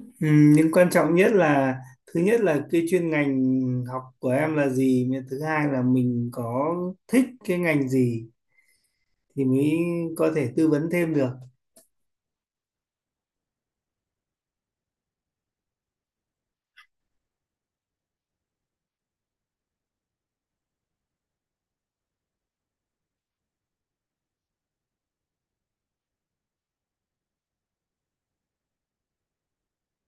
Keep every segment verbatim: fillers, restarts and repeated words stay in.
Ừ, nhưng quan trọng nhất là thứ nhất là cái chuyên ngành học của em là gì, mà thứ hai là mình có thích cái ngành gì thì mới có thể tư vấn thêm được.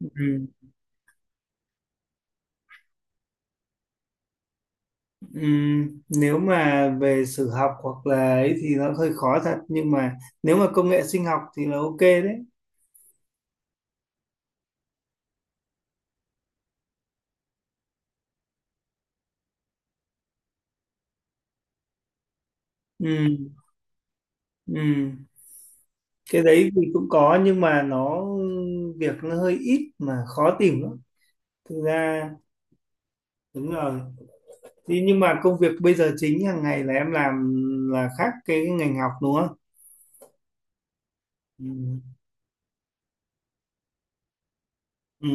Ừ. Ừ, nếu mà về sử học hoặc là ấy thì nó hơi khó thật, nhưng mà nếu mà công nghệ sinh học thì là ok đấy. Ừ, ừ. Cái đấy thì cũng có, nhưng mà nó việc nó hơi ít mà khó tìm lắm. Thực ra đúng rồi. Thế nhưng mà công việc bây giờ chính hàng ngày là em làm là khác cái ngành học đúng không? Ừ. Ừ.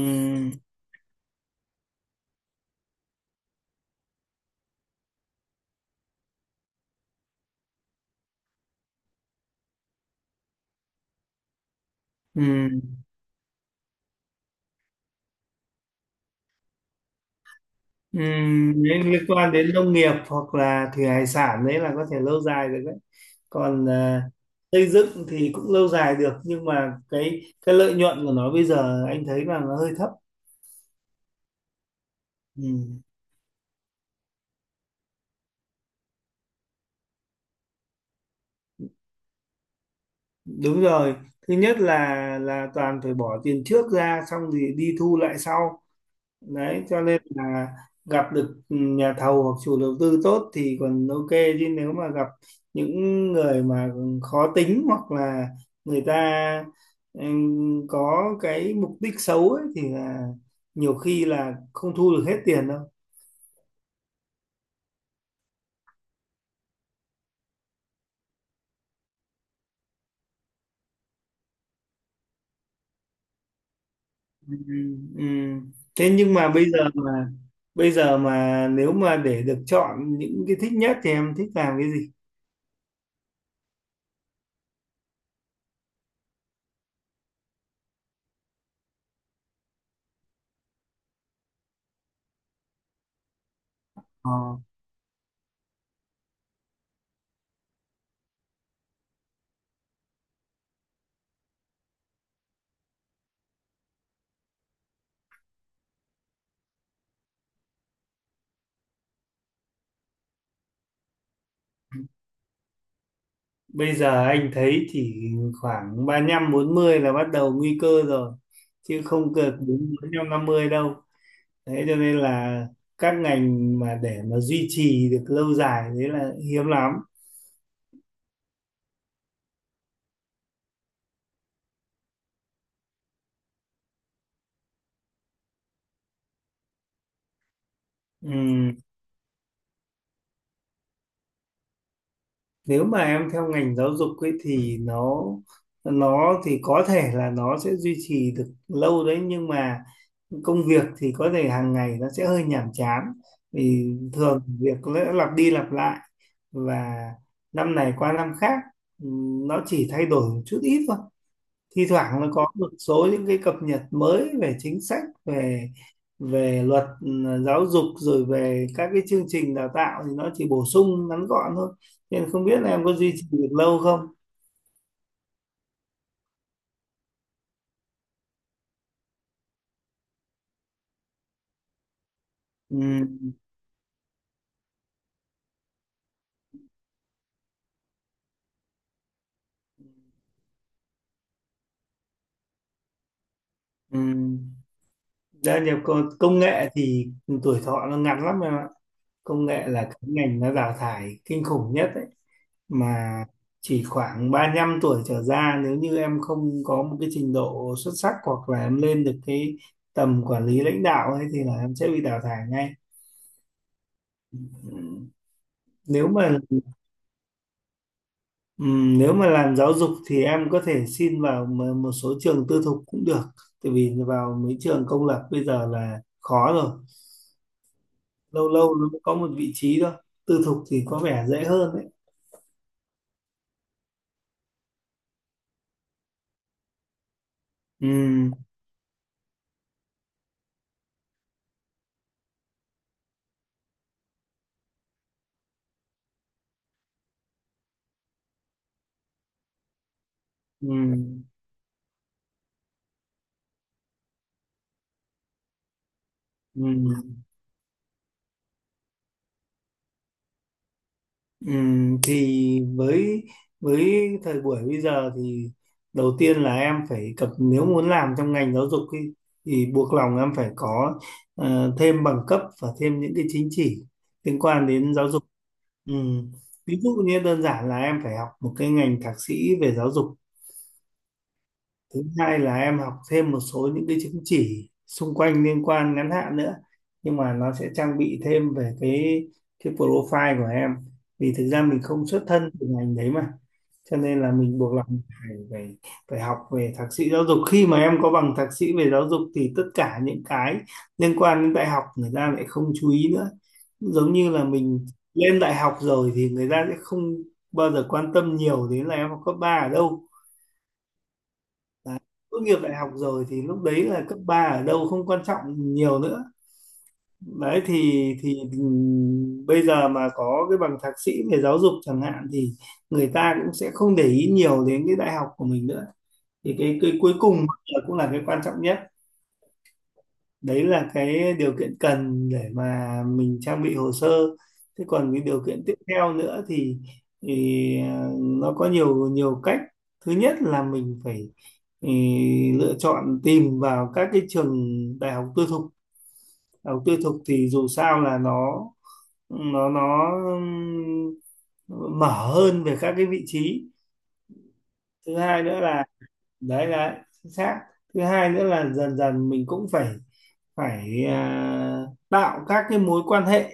Ừ. Ừ. Nếu liên quan đến nông nghiệp hoặc là thủy hải sản đấy là có thể lâu dài được đấy. Còn à, xây dựng thì cũng lâu dài được, nhưng mà cái cái lợi nhuận của nó bây giờ anh thấy là nó hơi thấp. Ừ. Đúng rồi. Thứ nhất là là toàn phải bỏ tiền trước ra xong thì đi thu lại sau. Đấy cho nên là gặp được nhà thầu hoặc chủ đầu tư tốt thì còn ok, chứ nếu mà gặp những người mà khó tính hoặc là người ta ừm, có cái mục đích xấu ấy, thì là nhiều khi là không thu được hết tiền đâu. Ừ, ừ. Thế nhưng mà bây giờ mà bây giờ mà nếu mà để được chọn những cái thích nhất thì em thích làm cái gì? Ờ. Bây giờ anh thấy thì khoảng ba lăm bốn mươi là bắt đầu nguy cơ rồi, chứ không cực đến bốn lăm năm mươi đâu. Thế cho nên là các ngành mà để mà duy trì được lâu dài đấy là hiếm lắm. Ừm. Nếu mà em theo ngành giáo dục ấy thì nó nó thì có thể là nó sẽ duy trì được lâu đấy, nhưng mà công việc thì có thể hàng ngày nó sẽ hơi nhàm chán, vì thường việc nó lặp đi lặp lại và năm này qua năm khác, ừm, nó chỉ thay đổi một chút ít thôi. Thi thoảng nó có một số những cái cập nhật mới về chính sách, về về luật ừm, giáo dục, rồi về các cái chương trình đào tạo thì nó chỉ bổ sung ngắn gọn thôi, nên không biết là em có duy trì được lâu không. Ừm, ừm. Gia nhập công công nghệ thì tuổi thọ nó ngắn lắm em ạ. Công nghệ là cái ngành nó đào thải kinh khủng nhất ấy, mà chỉ khoảng ba lăm tuổi trở ra nếu như em không có một cái trình độ xuất sắc, hoặc là em lên được cái tầm quản lý lãnh đạo ấy, thì là em sẽ bị đào thải ngay. Ừm, nếu mà ừm, nếu mà làm giáo dục thì em có thể xin vào m- một số trường tư thục cũng được, tại vì vào mấy trường công lập bây giờ là khó rồi, lâu lâu nó mới có một vị trí thôi. Tư thục thì có vẻ dễ hơn đấy. Ừm, ừm, ừm. Ừm, thì với với thời buổi bây giờ thì đầu tiên là em phải cập, nếu muốn làm trong ngành giáo dục ý, thì buộc lòng em phải có ờ, thêm bằng cấp và thêm những cái chính chỉ liên quan đến giáo dục. Ừm, ví dụ như đơn giản là em phải học một cái ngành thạc sĩ về giáo dục. Thứ hai là em học thêm một số những cái chứng chỉ xung quanh liên quan ngắn hạn nữa, nhưng mà nó sẽ trang bị thêm về cái cái profile của em. Vì thực ra mình không xuất thân từ ngành đấy mà, cho nên là mình buộc lòng phải phải phải học về thạc sĩ giáo dục. Khi mà em có bằng thạc sĩ về giáo dục thì tất cả những cái liên quan đến đại học người ta lại không chú ý nữa, giống như là mình lên đại học rồi thì người ta sẽ không bao giờ quan tâm nhiều đến là em học cấp ba ở đâu. Đấy. Tốt nghiệp đại học rồi thì lúc đấy là cấp ba ở đâu không quan trọng nhiều nữa. Đấy thì thì ừm, bây giờ mà có cái bằng thạc sĩ về giáo dục chẳng hạn thì người ta cũng sẽ không để ý nhiều đến cái đại học của mình nữa. Thì cái cái cuối cùng là cũng là cái quan trọng nhất, đấy là cái điều kiện cần để mà mình trang bị hồ sơ. Thế còn cái điều kiện tiếp theo nữa thì, thì ờ, nó có nhiều nhiều cách. Thứ nhất là mình phải ừ, lựa chọn tìm vào các cái trường đại học tư thục. Đại học tư thục thì dù sao là nó nó nó ừm, mở hơn về các cái vị trí. Thứ hai nữa là, đấy là chính xác, thứ hai nữa là dần dần mình cũng phải phải à, tạo các cái mối quan hệ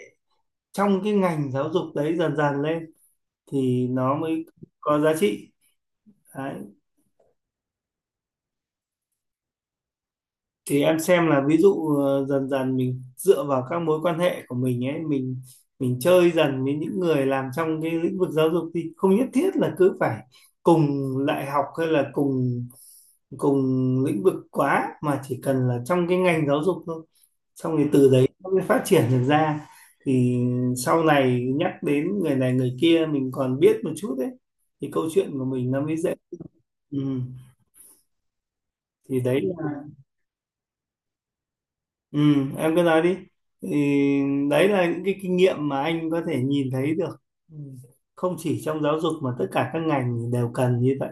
trong cái ngành giáo dục đấy dần dần lên thì nó mới có giá trị. Thì em xem là ví dụ ờ, dần dần mình dựa vào các mối quan hệ của mình ấy, mình mình chơi dần với những người làm trong cái lĩnh vực giáo dục, thì không nhất thiết là cứ phải cùng đại học hay là cùng cùng lĩnh vực quá, mà chỉ cần là trong cái ngành giáo dục thôi, xong thì từ đấy nó mới phát triển được ra. Thì sau này nhắc đến người này người kia mình còn biết một chút đấy thì câu chuyện của mình nó mới dễ. Ừ. Thì đấy là… Ừ, em cứ nói đi. Thì đấy là những cái kinh nghiệm mà anh có thể nhìn thấy được. Ừ. Không chỉ trong giáo dục mà tất cả các ngành đều cần như vậy.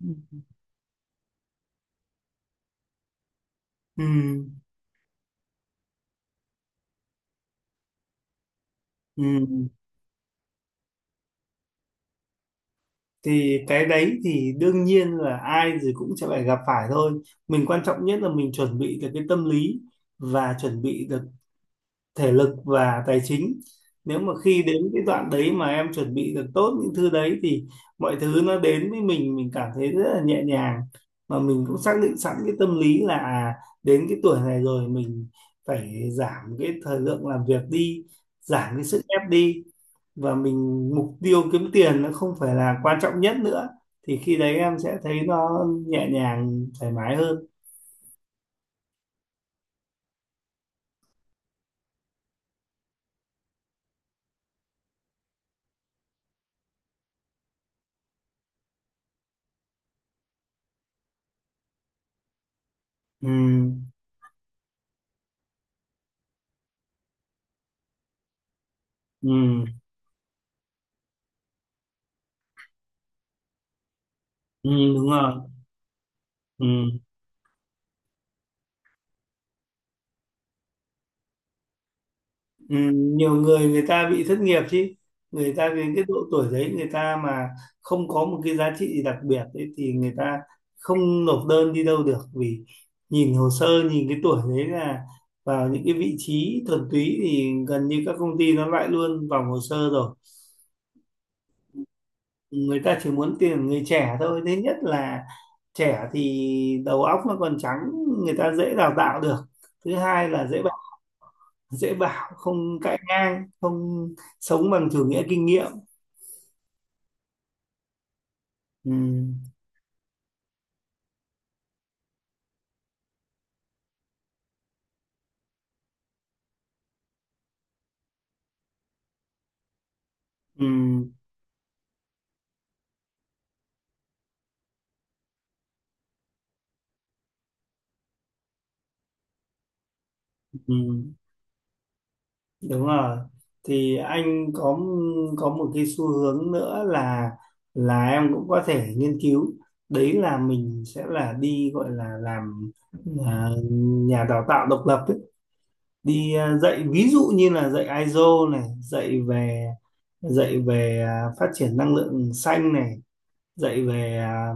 Ừ. Ừ, ừ. Thì cái đấy thì đương nhiên là ai rồi cũng sẽ phải gặp phải thôi. Mình quan trọng nhất là mình chuẩn bị được cái tâm lý, và chuẩn bị được thể lực và tài chính. Nếu mà khi đến cái đoạn đấy mà em chuẩn bị được tốt những thứ đấy thì mọi thứ nó đến với mình mình cảm thấy rất là nhẹ nhàng, mà mình cũng xác định sẵn cái tâm lý là à, đến cái tuổi này rồi mình phải giảm cái thời lượng làm việc đi, giảm cái sức ép đi, và mình mục tiêu kiếm tiền nó không phải là quan trọng nhất nữa, thì khi đấy em sẽ thấy nó nhẹ nhàng thoải mái hơn. Ừ, ừ, ừ, đúng rồi. Ừ. Ừ, nhiều người người ta bị thất nghiệp chứ, người ta đến cái độ tuổi đấy, người ta mà không có một cái giá trị gì đặc biệt đấy thì người ta không nộp đơn đi đâu được, vì nhìn hồ sơ nhìn cái tuổi đấy là vào những cái vị trí thuần túy thì gần như các công ty nó loại luôn vào hồ sơ rồi. Người ta chỉ muốn tuyển người trẻ thôi. Thứ nhất là trẻ thì đầu óc nó còn trắng, người ta dễ đào tạo được. Thứ hai là dễ bảo, dễ bảo không cãi ngang, không sống bằng chủ nghĩa kinh nghiệm. Ừ, ừ, ừ, đúng rồi. Thì anh có có một cái xu hướng nữa là là em cũng có thể nghiên cứu, đấy là mình sẽ là đi gọi là làm à, nhà đào tạo độc lập ấy. Đi à, dạy, ví dụ như là dạy i sô này, dạy về dạy về à, phát triển năng lượng xanh này, dạy về à,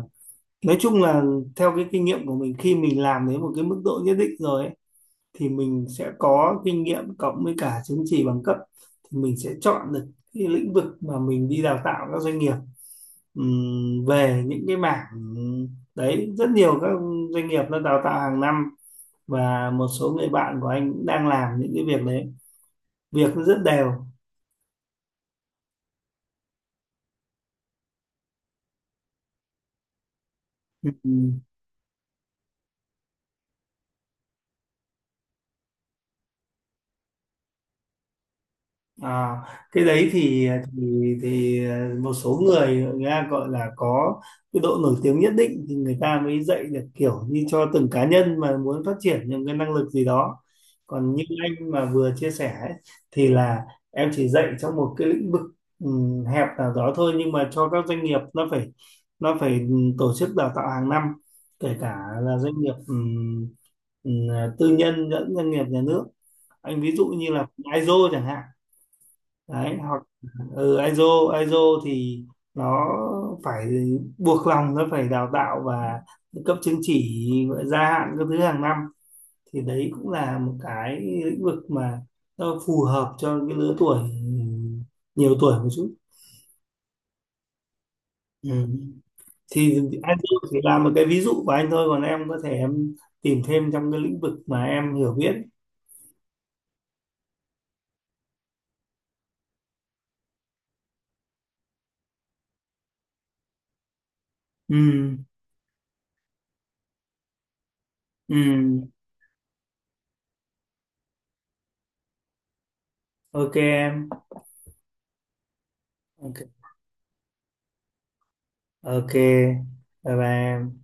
nói chung là theo cái kinh nghiệm của mình, khi mình làm đến một cái mức độ nhất định rồi ấy, thì mình sẽ có kinh nghiệm cộng với cả chứng chỉ bằng cấp, thì mình sẽ chọn được cái lĩnh vực mà mình đi đào tạo các doanh nghiệp. Ừm, về những cái mảng đấy rất nhiều các doanh nghiệp nó đào tạo hàng năm, và một số người bạn của anh cũng đang làm những cái việc đấy, việc nó rất đều. À, cái đấy thì thì thì một số người, người ta gọi là có cái độ nổi tiếng nhất định thì người ta mới dạy được, kiểu như cho từng cá nhân mà muốn phát triển những cái năng lực gì đó. Còn như anh mà vừa chia sẻ ấy, thì là em chỉ dạy trong một cái lĩnh vực ừm, hẹp nào đó thôi, nhưng mà cho các doanh nghiệp, nó phải nó phải tổ chức đào tạo hàng năm, kể cả là doanh nghiệp ừm, ừm, tư nhân lẫn doanh nghiệp nhà nước. Anh ví dụ như là i sô chẳng hạn, đấy, hoặc ừ, i ét ô, i ét ô thì nó phải buộc lòng nó phải đào tạo và cấp chứng chỉ, gia hạn các thứ hàng năm. Thì đấy cũng là một cái lĩnh vực mà nó phù hợp cho cái lứa tuổi nhiều tuổi một chút. Ừ. Thì i sô chỉ là một cái ví dụ của anh thôi, còn em có thể em tìm thêm trong cái lĩnh vực mà em hiểu biết. Ừ. Ừ. Ok em. Ok. Ok, bye bye em.